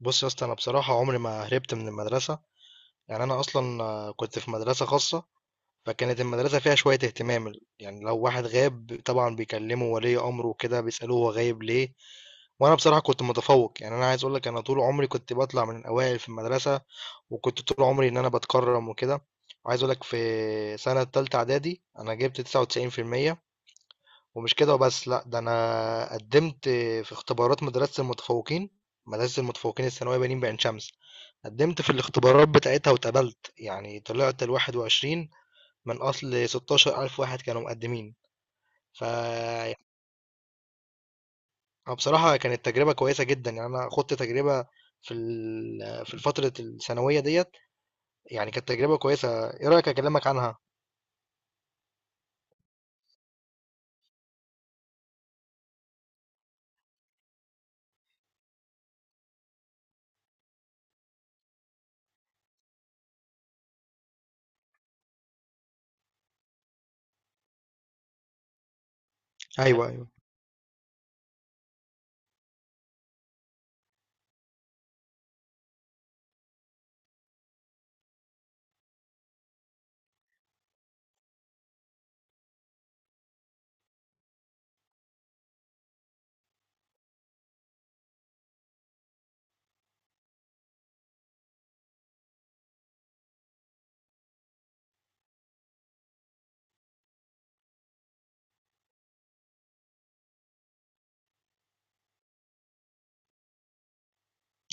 بص يا اسطى، انا بصراحه عمري ما هربت من المدرسه. يعني انا اصلا كنت في مدرسه خاصه. فكانت المدرسه فيها شويه اهتمام، يعني لو واحد غاب طبعا بيكلموا ولي امره وكده، بيسالوه هو غايب ليه. وانا بصراحه كنت متفوق، يعني انا عايز اقول لك انا طول عمري كنت بطلع من الاوائل في المدرسه، وكنت طول عمري ان انا بتكرم وكده. وعايز اقول لك في سنه تالتة اعدادي انا جبت 99%. ومش كده وبس، لا ده انا قدمت في اختبارات مدرسه المتفوقين، مدرسه المتفوقين الثانويه بنين بعين شمس. قدمت في الاختبارات بتاعتها واتقبلت، يعني طلعت ال21 من أصل 16 ألف واحد كانوا مقدمين. يعني بصراحة كانت تجربة كويسة جدا، يعني أنا خدت تجربة في فترة الثانوية ديت، يعني كانت تجربة كويسة. إيه رأيك أكلمك عنها؟ أيوه، أيوه.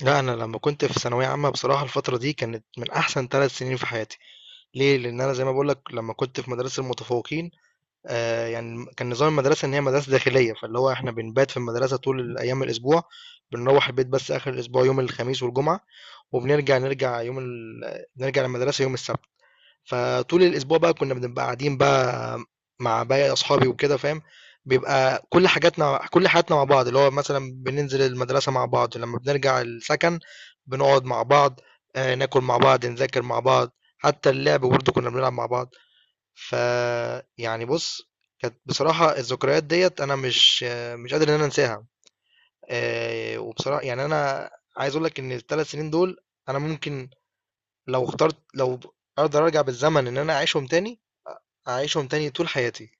لا، أنا لما كنت في ثانوية عامة بصراحة الفترة دي كانت من أحسن 3 سنين في حياتي. ليه؟ لأن أنا زي ما بقولك لما كنت في مدرسة المتفوقين، يعني كان نظام المدرسة إن هي مدرسة داخلية، فاللي هو إحنا بنبات في المدرسة طول أيام الأسبوع، بنروّح البيت بس آخر الأسبوع يوم الخميس والجمعة، وبنرجع نرجع يوم ال نرجع المدرسة يوم السبت. فطول الأسبوع بقى كنا بنبقى قاعدين بقى مع باقي أصحابي وكده فاهم، بيبقى كل حاجاتنا كل حياتنا مع بعض، اللي هو مثلًا بننزل المدرسة مع بعض، لمّا بنرجع السكن بنقعد مع بعض، ناكل مع بعض، نذاكر مع بعض، حتى اللعب برضه كنا بنلعب مع بعض. ف يعني بُص، كانت بصراحة الذكريات ديّة أنا مش قادر إن أنا أنساها. يعني أنا عايز أقول لك إن ال3 سنين دول أنا ممكن، لو أقدر أرجع بالزمن إن أنا أعيشهم تاني، هاعيشهم تاني طول حياتي.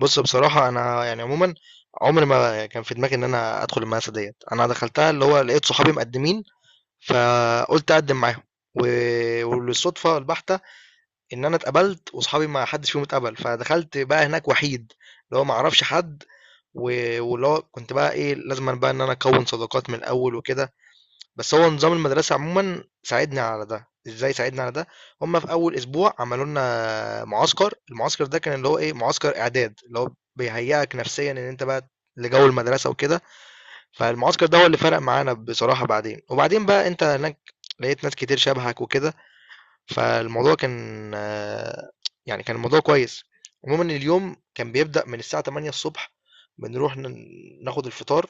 بُص بصراحة أنا يعني عمومًا عمري ما كان في دماغي إن أنا أدخل المدرسة ديّة، أنا دخلتها اللي هو لقيت صحابي مقدمين، فقُلت أقدم معاهم. و وللصدفة البحتة إن أنا اتقبلت وصحابي ما حدش فيهم اتقبل، فدخلت بقى هناك وحيد، اللي هو ما اعرفش حد. و واللي هو كنت بقى إيه، لازمًا بقى إن أنا أكوّن صداقات من الأول وكده، بس هو نظام المدرسة عمومًا ساعدني على ده. إزاي ساعدني على ده؟ هم في أول أسبوع عملوا لنا معسكر، المعسكر ده كان اللي هو إيه، معسكر إعداد، اللي هو بيهيّئك نفسيًا إن أنت بقى لجو المدرسة وكده. فالمعسكر ده هو اللي فرق معانا بصراحة بعدين، وبعدين بقى أنت هناك لقيت ناس كتير شبهك وكده. فالموضوع كان آآ، يعني كان الموضوع كويس. عمومًا اليوم كان بيبدأ من الساعة 08:00، بنروح ناخد الفطار،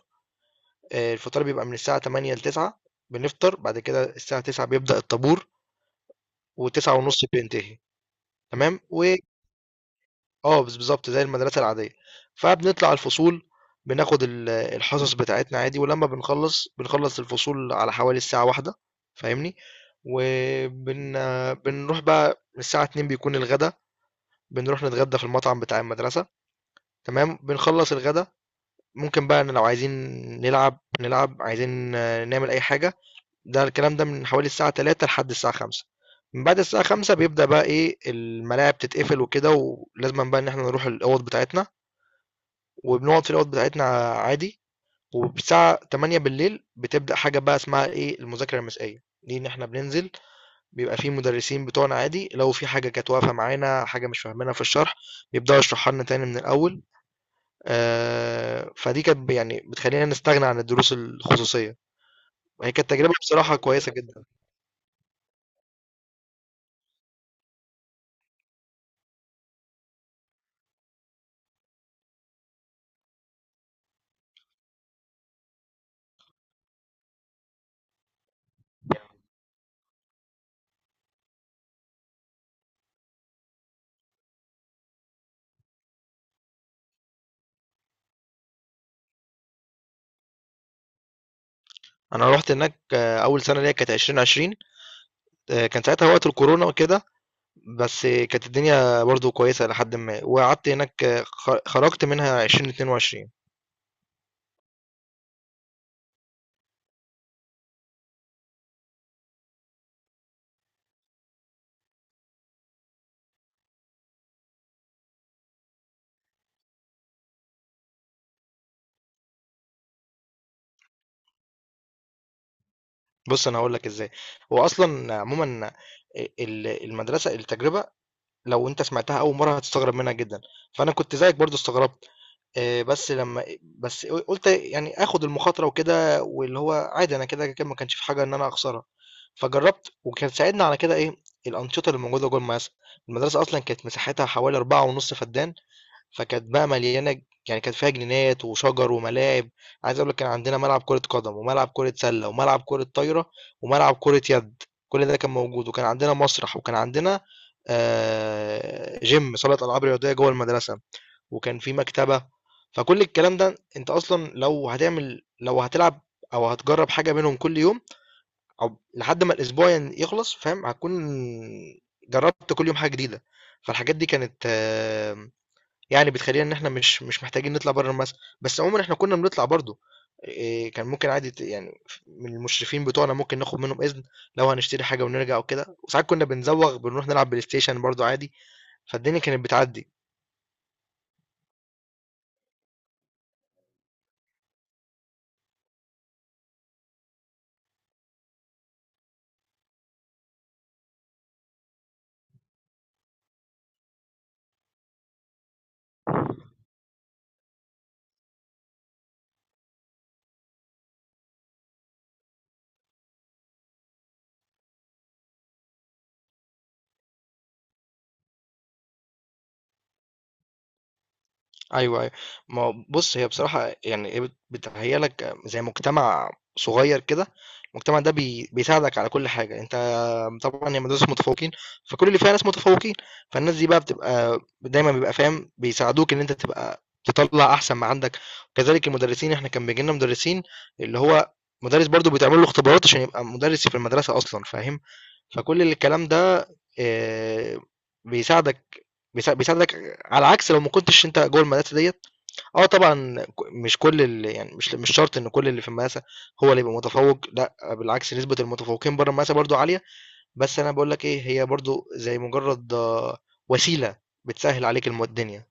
الفطار بيبقى من الساعة 08:00 ل09:00، بنفطر. بعد كده الساعة 09:00 بيبدأ الطابور، و09:30 بينتهي. تمام، بالضبط زي المدرسة العادية. فبنطلع الفصول، بناخد الحصص بتاعتنا عادي، ولمّا بنخلّص الفصول على حوالي الساعة 13:00 فاهمني، وبن بنروح بقى الساعة 14:00 بيكون الغدا. بنروح نتغدى في المطعم بتاع المدرسة، تمام بنخلص الغدا. ممكن بقى إن لو عايزين نلعب، عايزين نعمل أي حاجة، ده الكلام ده من حوالي الساعة 3 لحد الساعة 5. من بعد الساعة 5 بيبدأ بقى إيه الملاعب تتقفل وكده، ولازم بقى إن إحنا نروح الأوض بتاعتنا، وبنقعد في الأوض بتاعتنا عادي. والساعة 8 بالليل بتبدأ حاجة بقى اسمها إيه المذاكرة المسائية، دي إن إحنا بننزل بيبقى في مدرسين بتوعنا عادي، لو في حاجة كانت واقفة معانا حاجة مش فاهمينها في الشرح بيبدأوا يشرحوا لنا تاني من الأول. فدي كانت يعني بتخلّينا نستغنى عن الدروس الخصوصية. هي كانت تجربة بصراحة كويسة جدًا. أنا رُحت هناك أول سنة ليّا كانت 2020، كان ساعتها وقت الكورونا وكده، بس كانت الدنيا برضه كويسة إلى حدٍ ما، وقعدت هناك خرجت منها 2022. بُص أنا هاقول لك إزاي. هو أصلًا عمومًا أ ال المدرسة التجربة لو أنت سمعتها أول مرة هتستغرب منها جدًا، فأنا كنت زيك برضه استغربت. بس لما إيه، بس قلت يعني اخد المخاطره وكده، واللي هو عادي انا كده كده ما كانش في حاجه ان انا اخسرها. فجربت، وكان ساعدنا على كده ايه الانشطه اللي موجوده جوه المدرسه. المدرسه اصلا كانت مساحتها حوالي 4.5 فدان، فكانت بقى مليانه يعني كانت فيها جنينات وشجر وملاعب. عايز اقول لك كان عندنا ملعب كره قدم وملعب كره سله وملعب كره طايره وملعب كره يد، كل ده كان موجود، وكان عندنا مسرح، وكان عندنا جيم صاله العاب رياضيه جوه المدرسه، وكان في مكتبة. فكل الكلام ده انت اصلا لو هتلعب او هتجرب حاجة منهم كل يوم، او لحد ما الاسبوع يخلص فاهم، هتكون جربت كل يوم حاجة جديدة. فالحاجات دي كانت يعني بتخلينا ان احنا مش محتاجين نطلع بره المدرسة. بس عموما احنا كنا بنطلع برضو، إيه، كان ممكن عادي يعني من المشرفين بتوعنا ممكن ناخد منهم اذن لو هنشتري حاجة ونرجع وكده. وساعات كنا بنزوغ بنروح نلعب بلاي ستيشن برضو عادي. فالدنيا كانت بتعدي. أيوه، أيوه. ما هو بُص، هي بصراحة يعني هي بتهيّأ لك زي مجتمع صغير كده. المجتمع ده بيساعدك على كل حاجة. أنت طبعًا هي مدرسة متفوّقين، فكل اللي فيها ناس متفوّقين، فالناس دي بقى بتبقى دايمًا بيبقى فاهم، بيساعدوك إن أنت تبقى تطلّع أحسن ما عندك، وكذلك المدرسين. إحنا كان بييجي لنا مدرسين اللي هو مدرس برضه بيتعمل له اختبارات عشان يبقى مدرس في المدرسة أصلًا فاهم. فكل الكلام ده آآ، بيساعدك، بيساعدك على عكس لو ما كنتش أنت جوّه المدرسة ديّة. آه طبعًا، مش كل ال يعني مش شرط إن كل اللي في المقاسة هو اللي يبقى متفوّق. لأ بالعكس، نسبة المتفوّقين برّه المقاسة برضه عالية. بس أنا باقول لك إيه، هي برضه زي مجرّد وسيلة بتسهّل عليك الدنيا.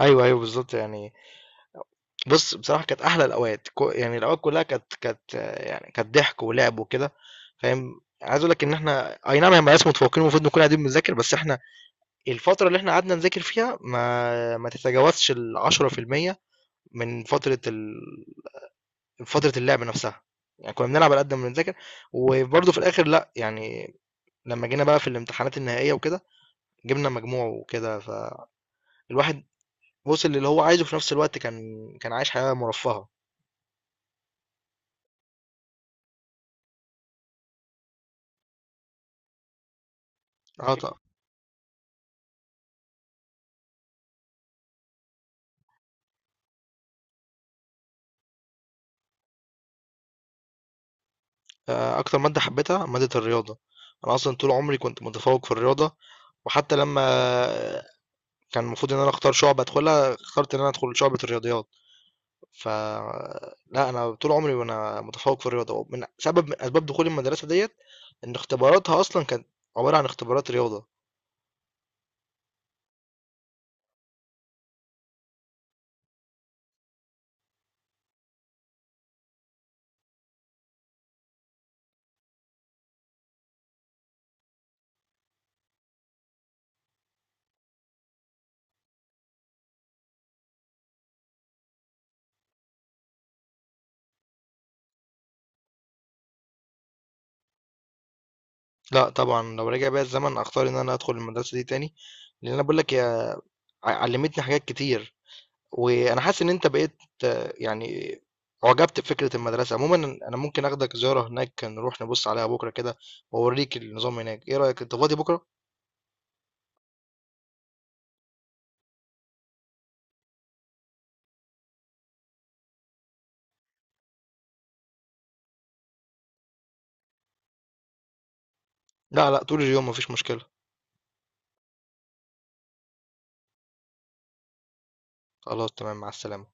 أيوه، أيوه بالضبط. يعني بُص بصراحة كانت أحلى الأوقات، يعني الأوقات كلّها كانت يعني كانت ضحك ولعب وكده فاهم. عايز أقول لك إن إحنا أي نعم هي مقاس متفوّقين المفروض نكون قاعدين بنذاكر، بس إحنا الفترة اللي إحنا قعدنا نذاكر فيها ما تتجاوزش ال10% من فترة اللعب نفسها. يعني كنا بنلعب على قد ما بنذاكر، وبرضه في الآخر لأ يعني لما جينا بقى في الامتحانات النهائية وكده جبنا مجموع وكده. فالواحد وصل للي هو عايزه، في نفس الوقت كان عايش حياة مرفهة. اه ط- أكتر مادة حبيتها مادة الرياضة. أنا أصلا طول عمري كنت متفوق في الرياضة، وحتى لما كان المفروض إن أنا أختار شعبة أدخلها، اخترت إن أنا أدخل شعبة الرياضيات. ف لأ أنا طول عمري وأنا متفوّق في الرياضة، ومن سبب من أسباب دخولي المدرسة ديّة إن اختباراتها أصلًا كانت عبارة عن اختبارات رياضة. لأ طبعًا لو رجع بيّا الزمن أختار إن أنا أدخل المدرسة دي تاني، لإن أنا باقول لك هي علّمتني حاجات كتير. وأنا حاسس إن أنت بقيت يعني أُعجبت بفكرة المدرسة. عمومًا أنا ممكن آخدك زيارة هناك، نروح نبُص عليها بُكرة كده، وأورّيك النظام هناك. إيه رأيك أنت فاضي بُكرة؟ لأ، لأ طول اليوم ما فيش مشكلة. خلاص تمام، مع السلامة.